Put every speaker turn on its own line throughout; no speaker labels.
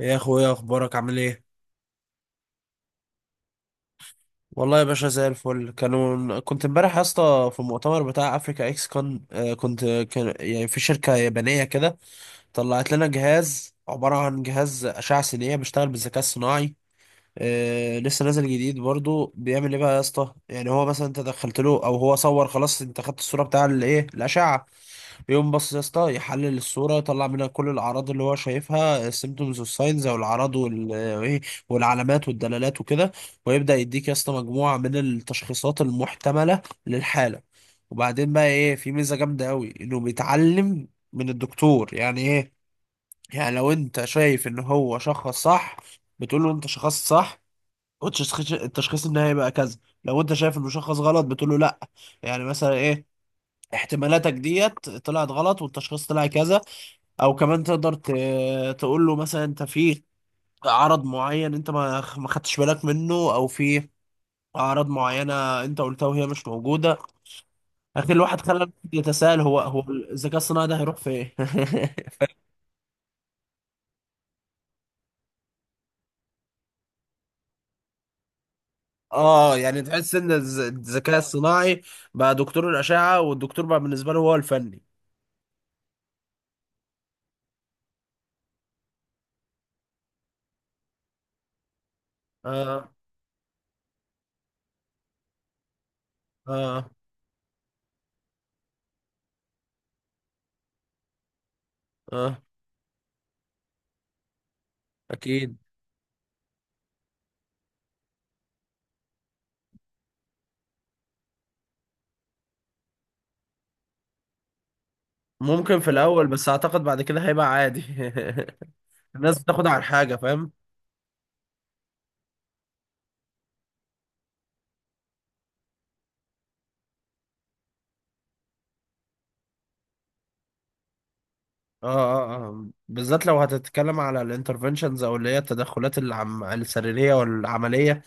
يا اخويا، اخبارك عامل ايه؟ والله يا باشا زي الفل. كنت امبارح يا اسطى في المؤتمر بتاع افريكا اكس كون. آه، كنت كان يعني في شركه يابانيه كده طلعت لنا جهاز، عباره عن جهاز اشعه سينيه بيشتغل بالذكاء الصناعي. آه، لسه نازل جديد. برضو بيعمل ايه بقى يا اسطى؟ يعني هو مثلا انت دخلت له، او هو صور، خلاص انت خدت الصوره بتاع الايه، الاشعه، بيقوم بص يا اسطى يحلل الصوره، يطلع منها كل الاعراض اللي هو شايفها، السيمتومز والساينز، او الاعراض وال- وايه والعلامات والدلالات وكده، ويبدا يديك يا اسطى مجموعه من التشخيصات المحتمله للحاله. وبعدين بقى ايه، في ميزه جامده قوي انه بيتعلم من الدكتور. يعني ايه؟ يعني لو انت شايف ان هو شخص صح، بتقول له انت شخصت صح، والتشخيص النهائي بقى كذا. لو انت شايف المشخص غلط، بتقول له لا، يعني مثلا ايه، احتمالاتك ديت طلعت غلط والتشخيص طلع كذا. او كمان تقدر تقول له مثلا انت في عرض معين انت ما خدتش بالك منه، او في اعراض معينه انت قلتها وهي مش موجوده. اخي، الواحد خلى يتساءل، هو الذكاء الصناعي ده هيروح فين؟ اه، يعني تحس ان الذكاء الصناعي بقى دكتور الاشعه، والدكتور بقى بالنسبه له هو الفني. اه، اه، اه، اكيد. ممكن في الاول، بس اعتقد بعد كده هيبقى عادي الناس بتاخد على الحاجه، فاهم. اه، اه، اه، بالذات لو هتتكلم على الانترفنشنز، او اللي هي التدخلات السريريه والعمليه.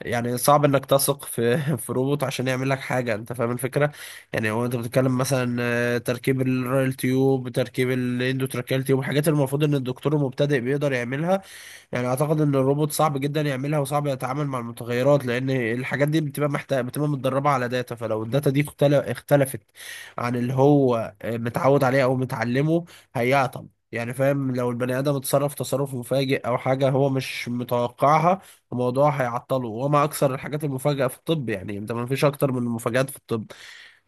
يعني صعب انك تثق في في روبوت عشان يعمل لك حاجه، انت فاهم الفكره. يعني هو انت بتتكلم مثلا، تركيب الرايل تيوب، تركيب الاندوتراكيال تيوب، الحاجات اللي المفروض ان الدكتور المبتدئ بيقدر يعملها. يعني اعتقد ان الروبوت صعب جدا يعملها، وصعب يتعامل مع المتغيرات، لان الحاجات دي بتبقى محتاجه، بتبقى متدربه على داتا، فلو الداتا دي اختلفت عن اللي هو متعود عليه او متعلمه، هيعطل. يعني فاهم، لو البني ادم اتصرف تصرف مفاجئ او حاجه هو مش متوقعها، الموضوع هيعطله. وما اكثر الحاجات المفاجئه في الطب، يعني انت ما فيش اكتر من المفاجآت في الطب.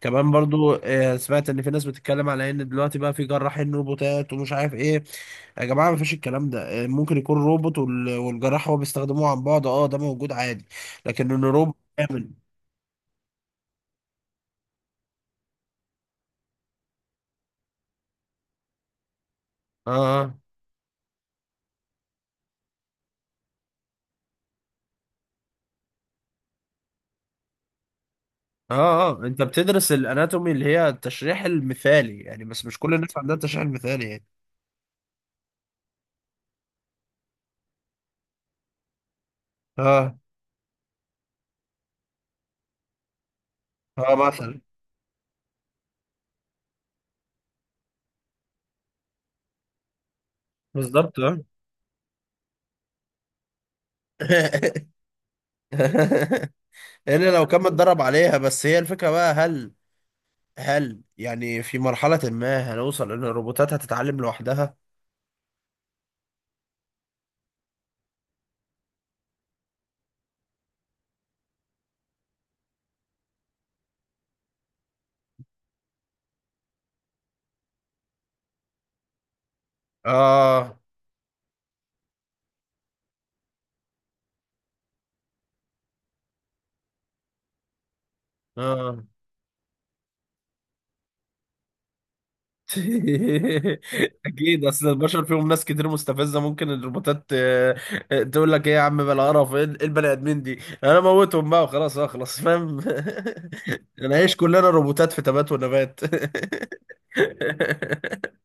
كمان برضو سمعت ان في ناس بتتكلم على ان دلوقتي بقى في جراحين روبوتات ومش عارف ايه. يا جماعه ما فيش الكلام ده. ممكن يكون روبوت، والجراح هو بيستخدموه عن بعد، اه ده موجود عادي. لكن ان روبوت كامل. اه، اه، اه، اه، انت بتدرس الاناتومي اللي هي التشريح المثالي يعني، بس مش كل الناس عندها التشريح المثالي يعني. اه، اه مثلا. بالظبط. اه الا لو كان متدرب عليها. بس هي الفكره بقى، هل يعني في مرحلة ما هنوصل إن الروبوتات هتتعلم لوحدها؟ آه. آه أكيد، أصل البشر فيهم ناس كتير مستفزة، ممكن الروبوتات، تقول لك إيه يا عم بلا قرف، إيه البني آدمين دي؟ أنا موتهم بقى وخلاص أخلص، فاهم؟ نعيش كلنا روبوتات في تبات ونبات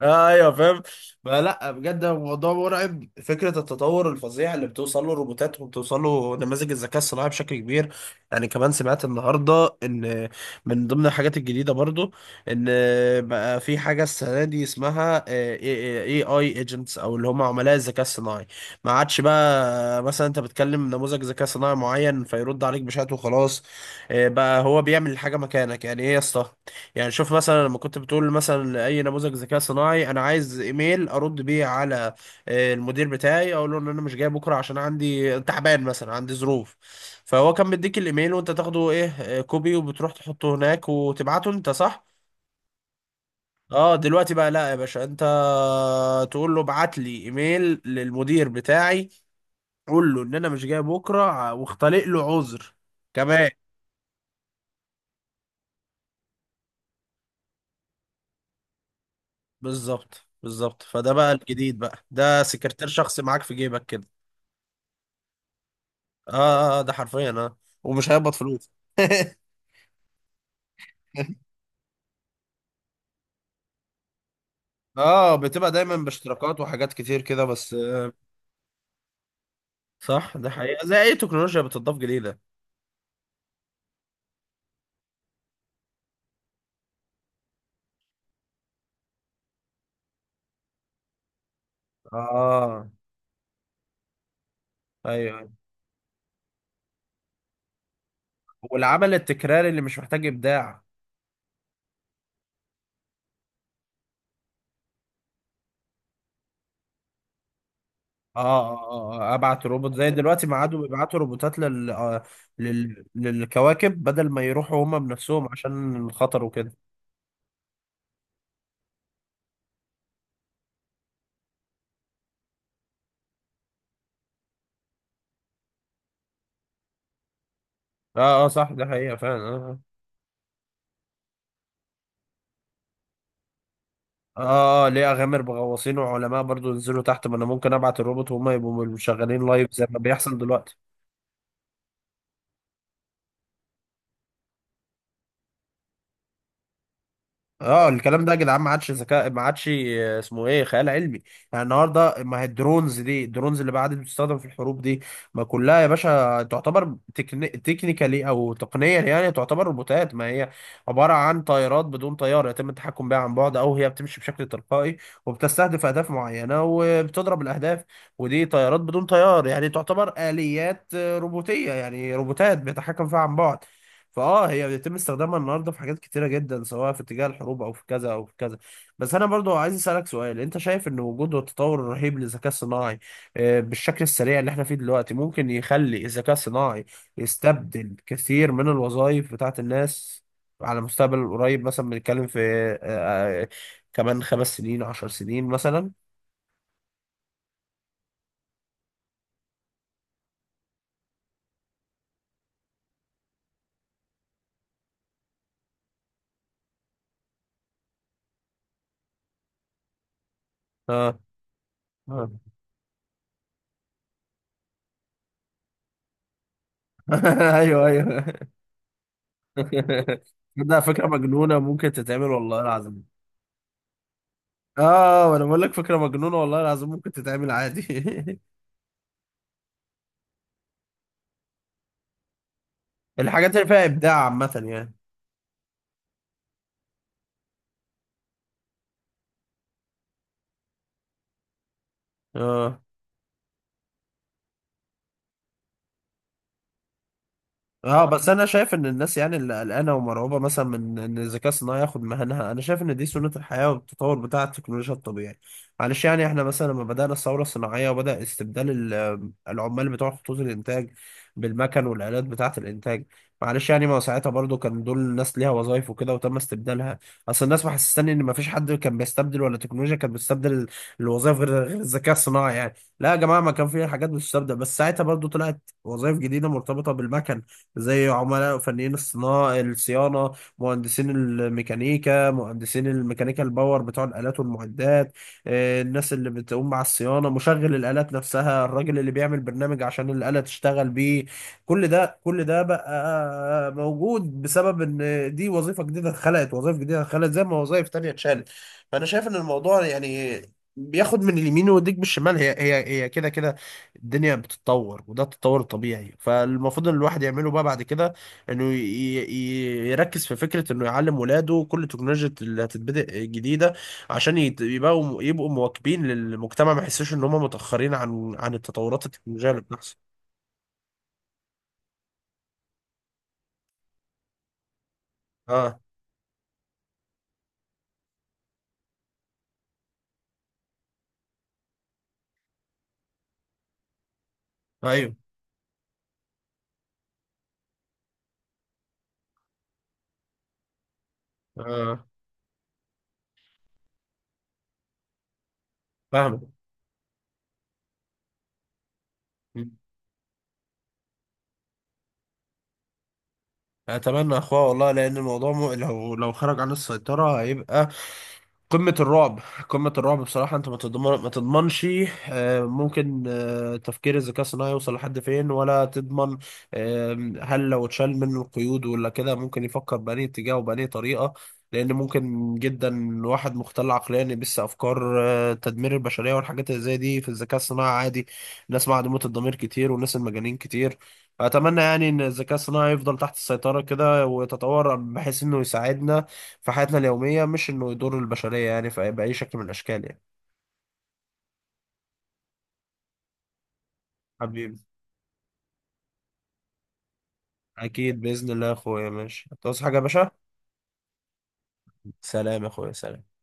ايوه فاهم. فلا، بجد الموضوع مرعب، فكره التطور الفظيع اللي بتوصل له الروبوتات وبتوصل له نماذج الذكاء الصناعي بشكل كبير. يعني كمان سمعت النهارده ان من ضمن الحاجات الجديده برضو ان بقى في حاجه السنه دي اسمها اي اي ايجنتس، او اللي هم عملاء الذكاء الصناعي. ما عادش بقى مثلا انت بتكلم نموذج ذكاء صناعي معين فيرد عليك بشات وخلاص. بقى هو بيعمل الحاجه مكانك. يعني ايه يا اسطى؟ يعني شوف مثلا، لما كنت بتقول مثلا اي نموذج ذكاء صناعي، انا عايز ايميل ارد بيه على المدير بتاعي، اقول له ان انا مش جاي بكره عشان عندي تعبان مثلا، عندي ظروف. فهو كان بيديك الايميل وانت تاخده ايه، كوبي، وبتروح تحطه هناك وتبعته انت، صح. اه، دلوقتي بقى لا يا باشا، انت تقول له ابعت لي ايميل للمدير بتاعي، قول له ان انا مش جاي بكره، واختلق له عذر كمان. بالظبط. فده بقى الجديد، بقى ده سكرتير شخصي معاك في جيبك كده. اه، ده حرفيا. اه، ومش هيقبض فلوس اه، بتبقى دايما باشتراكات وحاجات كتير كده، بس صح، ده حقيقة زي اي تكنولوجيا بتضاف جديدة. اه، ايوه، أيوة. والعمل التكراري اللي مش محتاج ابداع. اه، اه، اه، ابعت روبوت، زي دلوقتي ما عادوا بيبعتوا روبوتات للكواكب، بدل ما يروحوا هما بنفسهم عشان الخطر وكده. اه، اه، صح، ده حقيقة فعلا. آه. آه. اه، ليه اغامر بغواصين وعلماء برضو ينزلوا تحت، ما انا ممكن ابعت الروبوت وهم يبقوا شغالين لايف زي ما بيحصل دلوقتي. اه، الكلام ده يا جدعان ما عادش ذكاء، ما عادش اسمه ايه، خيال علمي. يعني النهارده، ما هي الدرونز دي، الدرونز اللي بعد بتستخدم في الحروب دي، ما كلها يا باشا تعتبر تكنيكالي او تقنيا يعني، تعتبر روبوتات. ما هي عباره عن طائرات بدون طيار يتم التحكم بها عن بعد، او هي بتمشي بشكل تلقائي وبتستهدف اهداف معينه وبتضرب الاهداف. ودي طيارات بدون طيار، يعني تعتبر اليات روبوتيه، يعني روبوتات بيتحكم فيها عن بعد. فاه، هي بيتم استخدامها النهارده في حاجات كتيره جدا، سواء في اتجاه الحروب او في كذا او في كذا. بس انا برضو عايز اسالك سؤال، انت شايف ان وجود التطور الرهيب للذكاء الصناعي بالشكل السريع اللي احنا فيه دلوقتي، ممكن يخلي الذكاء الصناعي يستبدل كثير من الوظائف بتاعت الناس على المستقبل القريب؟ مثلا بنتكلم في آه، آه، كمان 5 سنين، 10 سنين مثلا. اه، اه ايوه ايوه ده فكره مجنونه ممكن تتعمل والله العظيم. اه، وانا بقول لك فكره مجنونه، والله العظيم ممكن تتعمل عادي الحاجات اللي فيها ابداع عامه يعني. اه، اه. بس انا شايف ان الناس يعني اللي قلقانه ومرعوبه مثلا من ان الذكاء الصناعي ياخد مهنها، انا شايف ان دي سنه الحياه والتطور بتاع التكنولوجيا الطبيعي. معلش يعني، احنا مثلا لما بدانا الثوره الصناعيه وبدا استبدال العمال بتوع خطوط الانتاج بالمكن والالات بتاعه الانتاج، معلش يعني، ما هو ساعتها برضو كان دول الناس ليها وظايف وكده وتم استبدالها. اصل الناس محسساني ان ما فيش حد كان بيستبدل، ولا تكنولوجيا كانت بتستبدل الوظايف، غير الذكاء الصناعي يعني. لا يا جماعه، ما كان في حاجات بتستبدل، بس ساعتها برضو طلعت وظايف جديده مرتبطه بالمكن، زي عملاء فنيين الصناعة، الصيانة، مهندسين الميكانيكا الباور بتوع الآلات والمعدات، الناس اللي بتقوم مع الصيانة، مشغل الآلات نفسها، الراجل اللي بيعمل برنامج عشان الآلة تشتغل بيه. كل ده بقى موجود بسبب ان دي وظيفة جديدة اتخلقت، وظائف جديدة اتخلقت زي ما وظائف تانية اتشالت. فأنا شايف ان الموضوع يعني بياخد من اليمين ويديك بالشمال، هي كده كده. الدنيا بتتطور، وده التطور الطبيعي، فالمفروض ان الواحد يعمله بقى بعد كده، انه يركز في فكرة انه يعلم ولاده كل التكنولوجيا اللي هتتبدأ جديدة، عشان يبقوا مواكبين للمجتمع، ما يحسوش ان هم متأخرين عن التطورات التكنولوجية اللي بتحصل. اه، ايوه، اه، فاهمك. م. اتمنى يا اخويا والله، لان الموضوع لو خرج عن السيطرة هيبقى قمة الرعب. قمة الرعب بصراحة. انت ما تضمن، ما تضمنش. ممكن تفكير الذكاء الصناعي يوصل لحد فين ولا تضمن. هل لو اتشال منه القيود ولا كده، ممكن يفكر بأنهي اتجاه وبأنهي طريقة؟ لأن ممكن جدا واحد مختل عقليا يبث أفكار تدمير البشرية، والحاجات اللي زي دي في الذكاء الصناعي عادي. الناس معدومة الضمير كتير، والناس المجانين كتير. فأتمنى يعني إن الذكاء الصناعي يفضل تحت السيطرة كده، ويتطور بحيث إنه يساعدنا في حياتنا اليومية، مش إنه يضر البشرية يعني في بأي شكل من الأشكال يعني. حبيبي. أكيد بإذن الله يا أخويا. ماشي، هتعوز حاجة يا باشا؟ سلام يا أخويا، سلام.